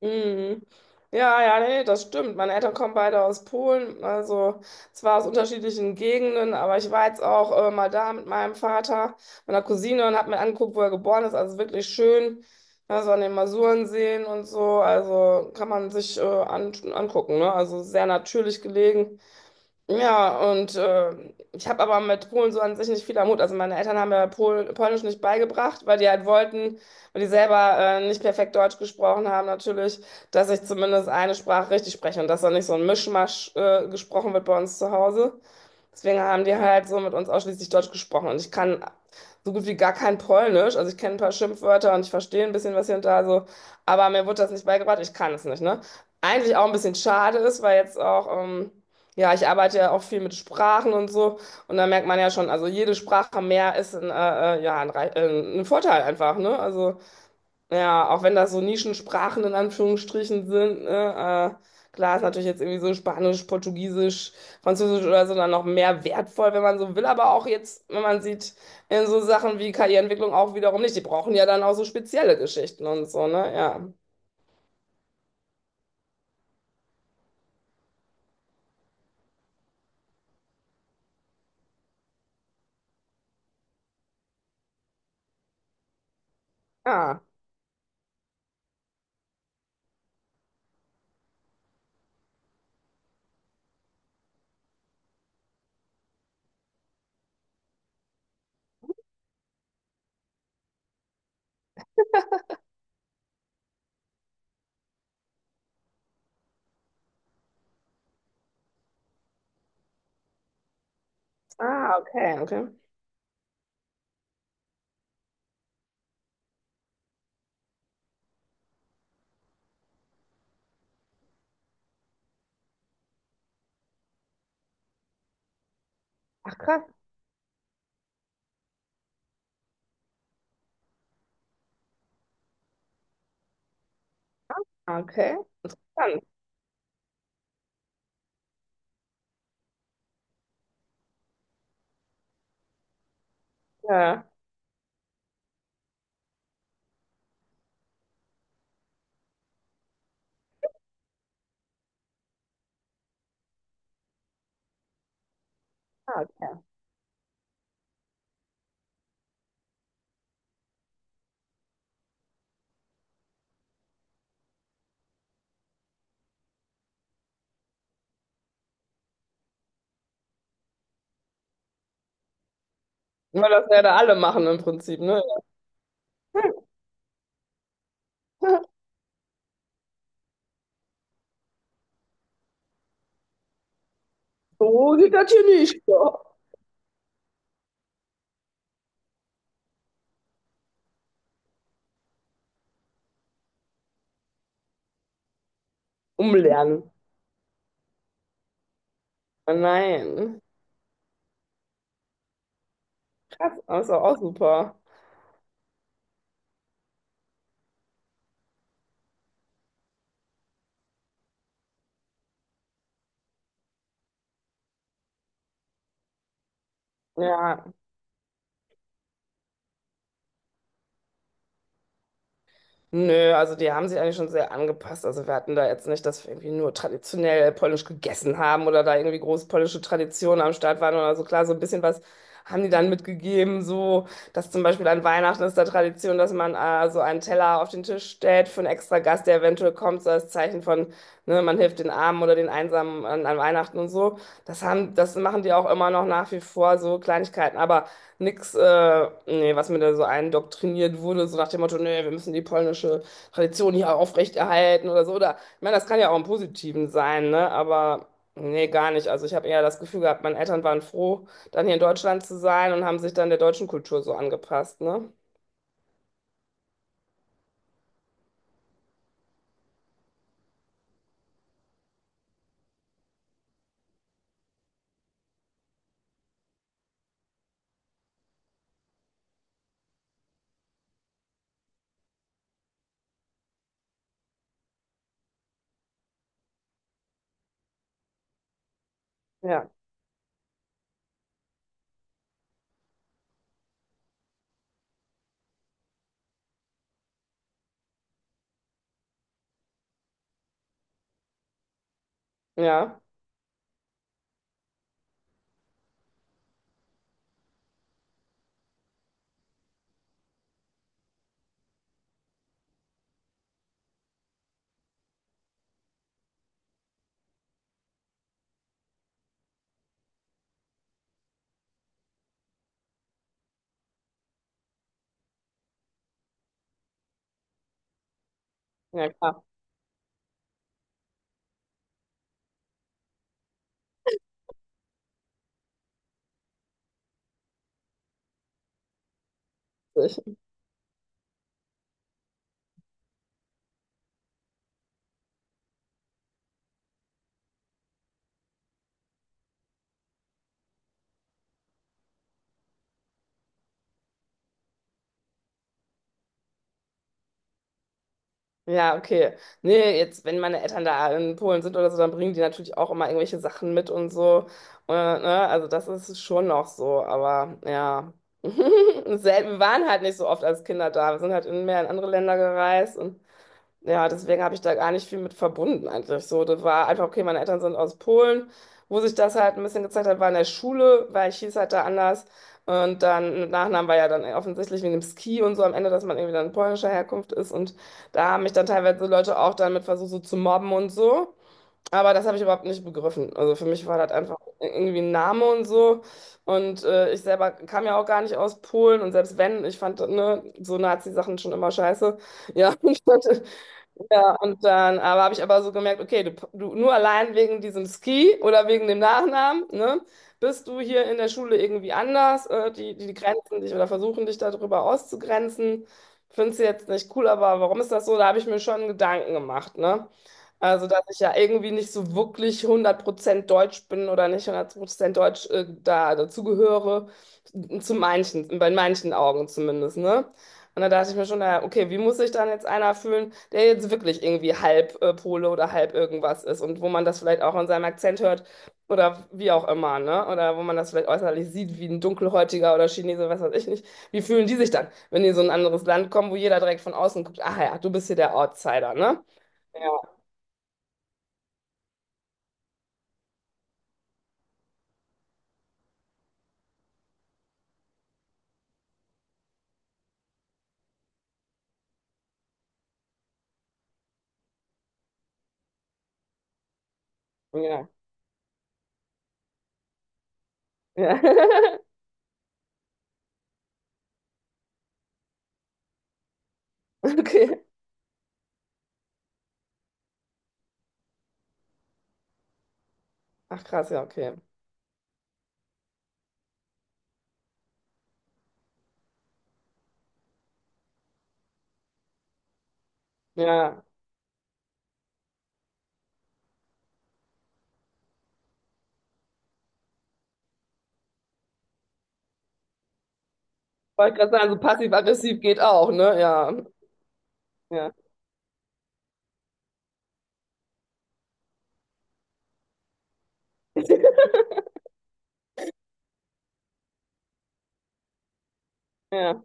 Mhm. Ja, ja, nee, das stimmt. Meine Eltern kommen beide aus Polen, also zwar aus unterschiedlichen Gegenden, aber ich war jetzt auch mal da mit meinem Vater, meiner Cousine und habe mir angeguckt, wo er geboren ist. Also wirklich schön, also an den Masuren sehen und so. Also kann man sich angucken, ne? Also sehr natürlich gelegen. Ja, und ich habe aber mit Polen so an sich nicht viel am Hut. Also meine Eltern haben mir Polnisch nicht beigebracht, weil die halt wollten, weil die selber nicht perfekt Deutsch gesprochen haben natürlich, dass ich zumindest eine Sprache richtig spreche und dass da nicht so ein Mischmasch gesprochen wird bei uns zu Hause. Deswegen haben die halt so mit uns ausschließlich Deutsch gesprochen. Und ich kann so gut wie gar kein Polnisch. Also ich kenne ein paar Schimpfwörter und ich verstehe ein bisschen was hier und da so. Aber mir wurde das nicht beigebracht. Ich kann es nicht, ne? Eigentlich auch ein bisschen schade ist, weil jetzt auch... ja, ich arbeite ja auch viel mit Sprachen und so. Und da merkt man ja schon, also jede Sprache mehr ist ein Vorteil einfach, ne? Also, ja, auch wenn das so Nischensprachen in Anführungsstrichen sind, ne? Klar ist natürlich jetzt irgendwie so Spanisch, Portugiesisch, Französisch oder so dann noch mehr wertvoll, wenn man so will. Aber auch jetzt, wenn man sieht, in so Sachen wie KI-Entwicklung auch wiederum nicht. Die brauchen ja dann auch so spezielle Geschichten und so, ne? Ja. Ah, ah, okay, okay. Ach, krass. Okay, dann. Ja, ah, okay. Ja, das werden alle machen im Prinzip, ne? So geht das hier nicht. So. Umlernen. Oh Nein. Krass, also auch super. Ja. Nö, also die haben sich eigentlich schon sehr angepasst. Also wir hatten da jetzt nicht, dass wir irgendwie nur traditionell polnisch gegessen haben oder da irgendwie große polnische Traditionen am Start waren oder so. Klar, so ein bisschen was haben die dann mitgegeben, so dass zum Beispiel an Weihnachten ist da Tradition, dass man so einen Teller auf den Tisch stellt für einen extra Gast, der eventuell kommt, so als Zeichen von, ne, man hilft den Armen oder den Einsamen an, an Weihnachten und so. Das haben, das machen die auch immer noch nach wie vor, so Kleinigkeiten. Aber Nix, was mir da so eindoktriniert wurde, so nach dem Motto, nee, wir müssen die polnische Tradition hier aufrechterhalten oder so. Oder, ich meine, das kann ja auch im Positiven sein, ne? Aber nee, gar nicht. Also ich habe eher das Gefühl gehabt, meine Eltern waren froh, dann hier in Deutschland zu sein und haben sich dann der deutschen Kultur so angepasst, ne? Ja, ja, ja, klar. Ja, okay. Nee, jetzt, wenn meine Eltern da in Polen sind oder so, dann bringen die natürlich auch immer irgendwelche Sachen mit und so. Ne? Also das ist schon noch so, aber ja. Wir waren halt nicht so oft als Kinder da. Wir sind halt in mehr in andere Länder gereist und ja, deswegen habe ich da gar nicht viel mit verbunden eigentlich. So, das war einfach, okay, meine Eltern sind aus Polen, wo sich das halt ein bisschen gezeigt hat, war in der Schule, weil ich hieß halt da anders. Und dann mit Nachnamen war ja dann offensichtlich wegen dem Ski und so am Ende, dass man irgendwie dann polnischer Herkunft ist. Und da haben mich dann teilweise Leute auch dann mit versucht, so zu mobben und so. Aber das habe ich überhaupt nicht begriffen. Also für mich war das einfach irgendwie ein Name und so. Und ich selber kam ja auch gar nicht aus Polen. Und selbst wenn, ich fand, ne, so Nazi-Sachen schon immer scheiße. Ja, Ja, und dann aber habe ich aber so gemerkt, okay, du nur allein wegen diesem Ski oder wegen dem Nachnamen, ne, bist du hier in der Schule irgendwie anders, die grenzen dich oder versuchen dich darüber auszugrenzen. Findest du jetzt nicht cool, aber warum ist das so? Da habe ich mir schon Gedanken gemacht, ne? Also, dass ich ja irgendwie nicht so wirklich 100% deutsch bin oder nicht 100% deutsch da dazugehöre, zu manchen, bei manchen Augen zumindest, ne? Und da dachte ich mir schon, naja, okay, wie muss sich dann jetzt einer fühlen, der jetzt wirklich irgendwie halb Pole oder halb irgendwas ist und wo man das vielleicht auch in seinem Akzent hört oder wie auch immer, ne? Oder wo man das vielleicht äußerlich sieht, wie ein Dunkelhäutiger oder Chinese, was weiß ich nicht. Wie fühlen die sich dann, wenn die in so ein anderes Land kommen, wo jeder direkt von außen guckt, ach ja, du bist hier der Outsider, ne? Ja, ja, ja. Okay. Ach krass, ja, okay. Ja. Wollte gerade sagen, so passiv-aggressiv geht auch, ne? Ja, ja, ja,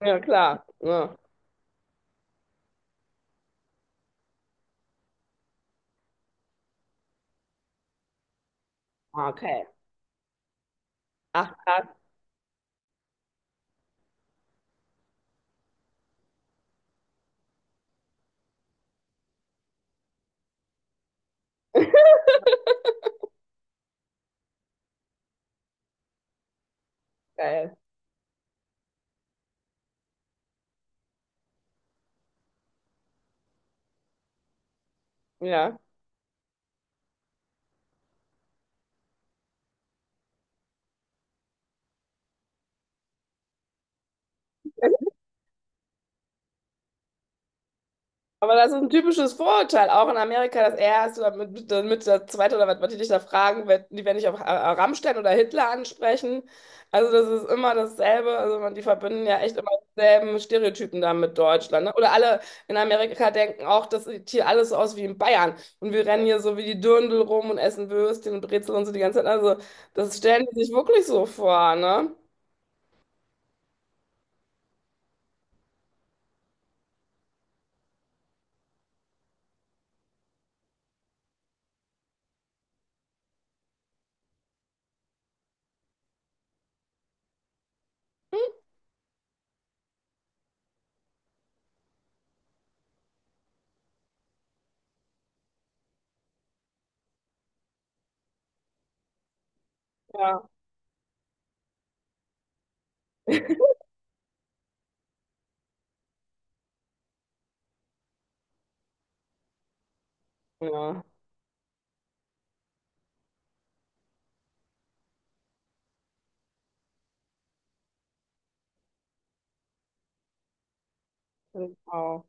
ja, klar. Ja. Okay. Ach, krass, geil. Ja. Aber das ist ein typisches Vorurteil, auch in Amerika, das erste oder mit das zweite oder was, was die dich da fragen, wird, die werden dich auf Rammstein oder Hitler ansprechen. Also das ist immer dasselbe. Also man, die verbinden ja echt immer dieselben Stereotypen da mit Deutschland. Ne? Oder alle in Amerika denken auch, das sieht hier alles so aus wie in Bayern. Und wir rennen hier so wie die Dirndl rum und essen Würstchen und Brezel und so die ganze Zeit. Also das stellen die sich wirklich so vor, ne? Hm? Ja, ja, genau.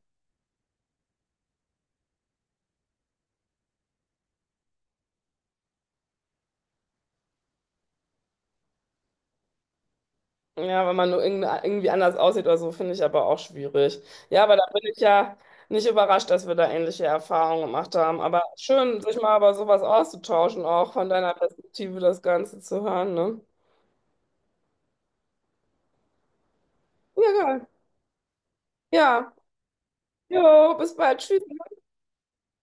Ja, wenn man nur irgendwie anders aussieht oder so, finde ich aber auch schwierig. Ja, aber da bin ich ja nicht überrascht, dass wir da ähnliche Erfahrungen gemacht haben. Aber schön, sich mal über sowas auszutauschen, auch von deiner Perspektive das Ganze zu hören, ne? Ja, geil. Ja, jo, bis bald. Tschüss.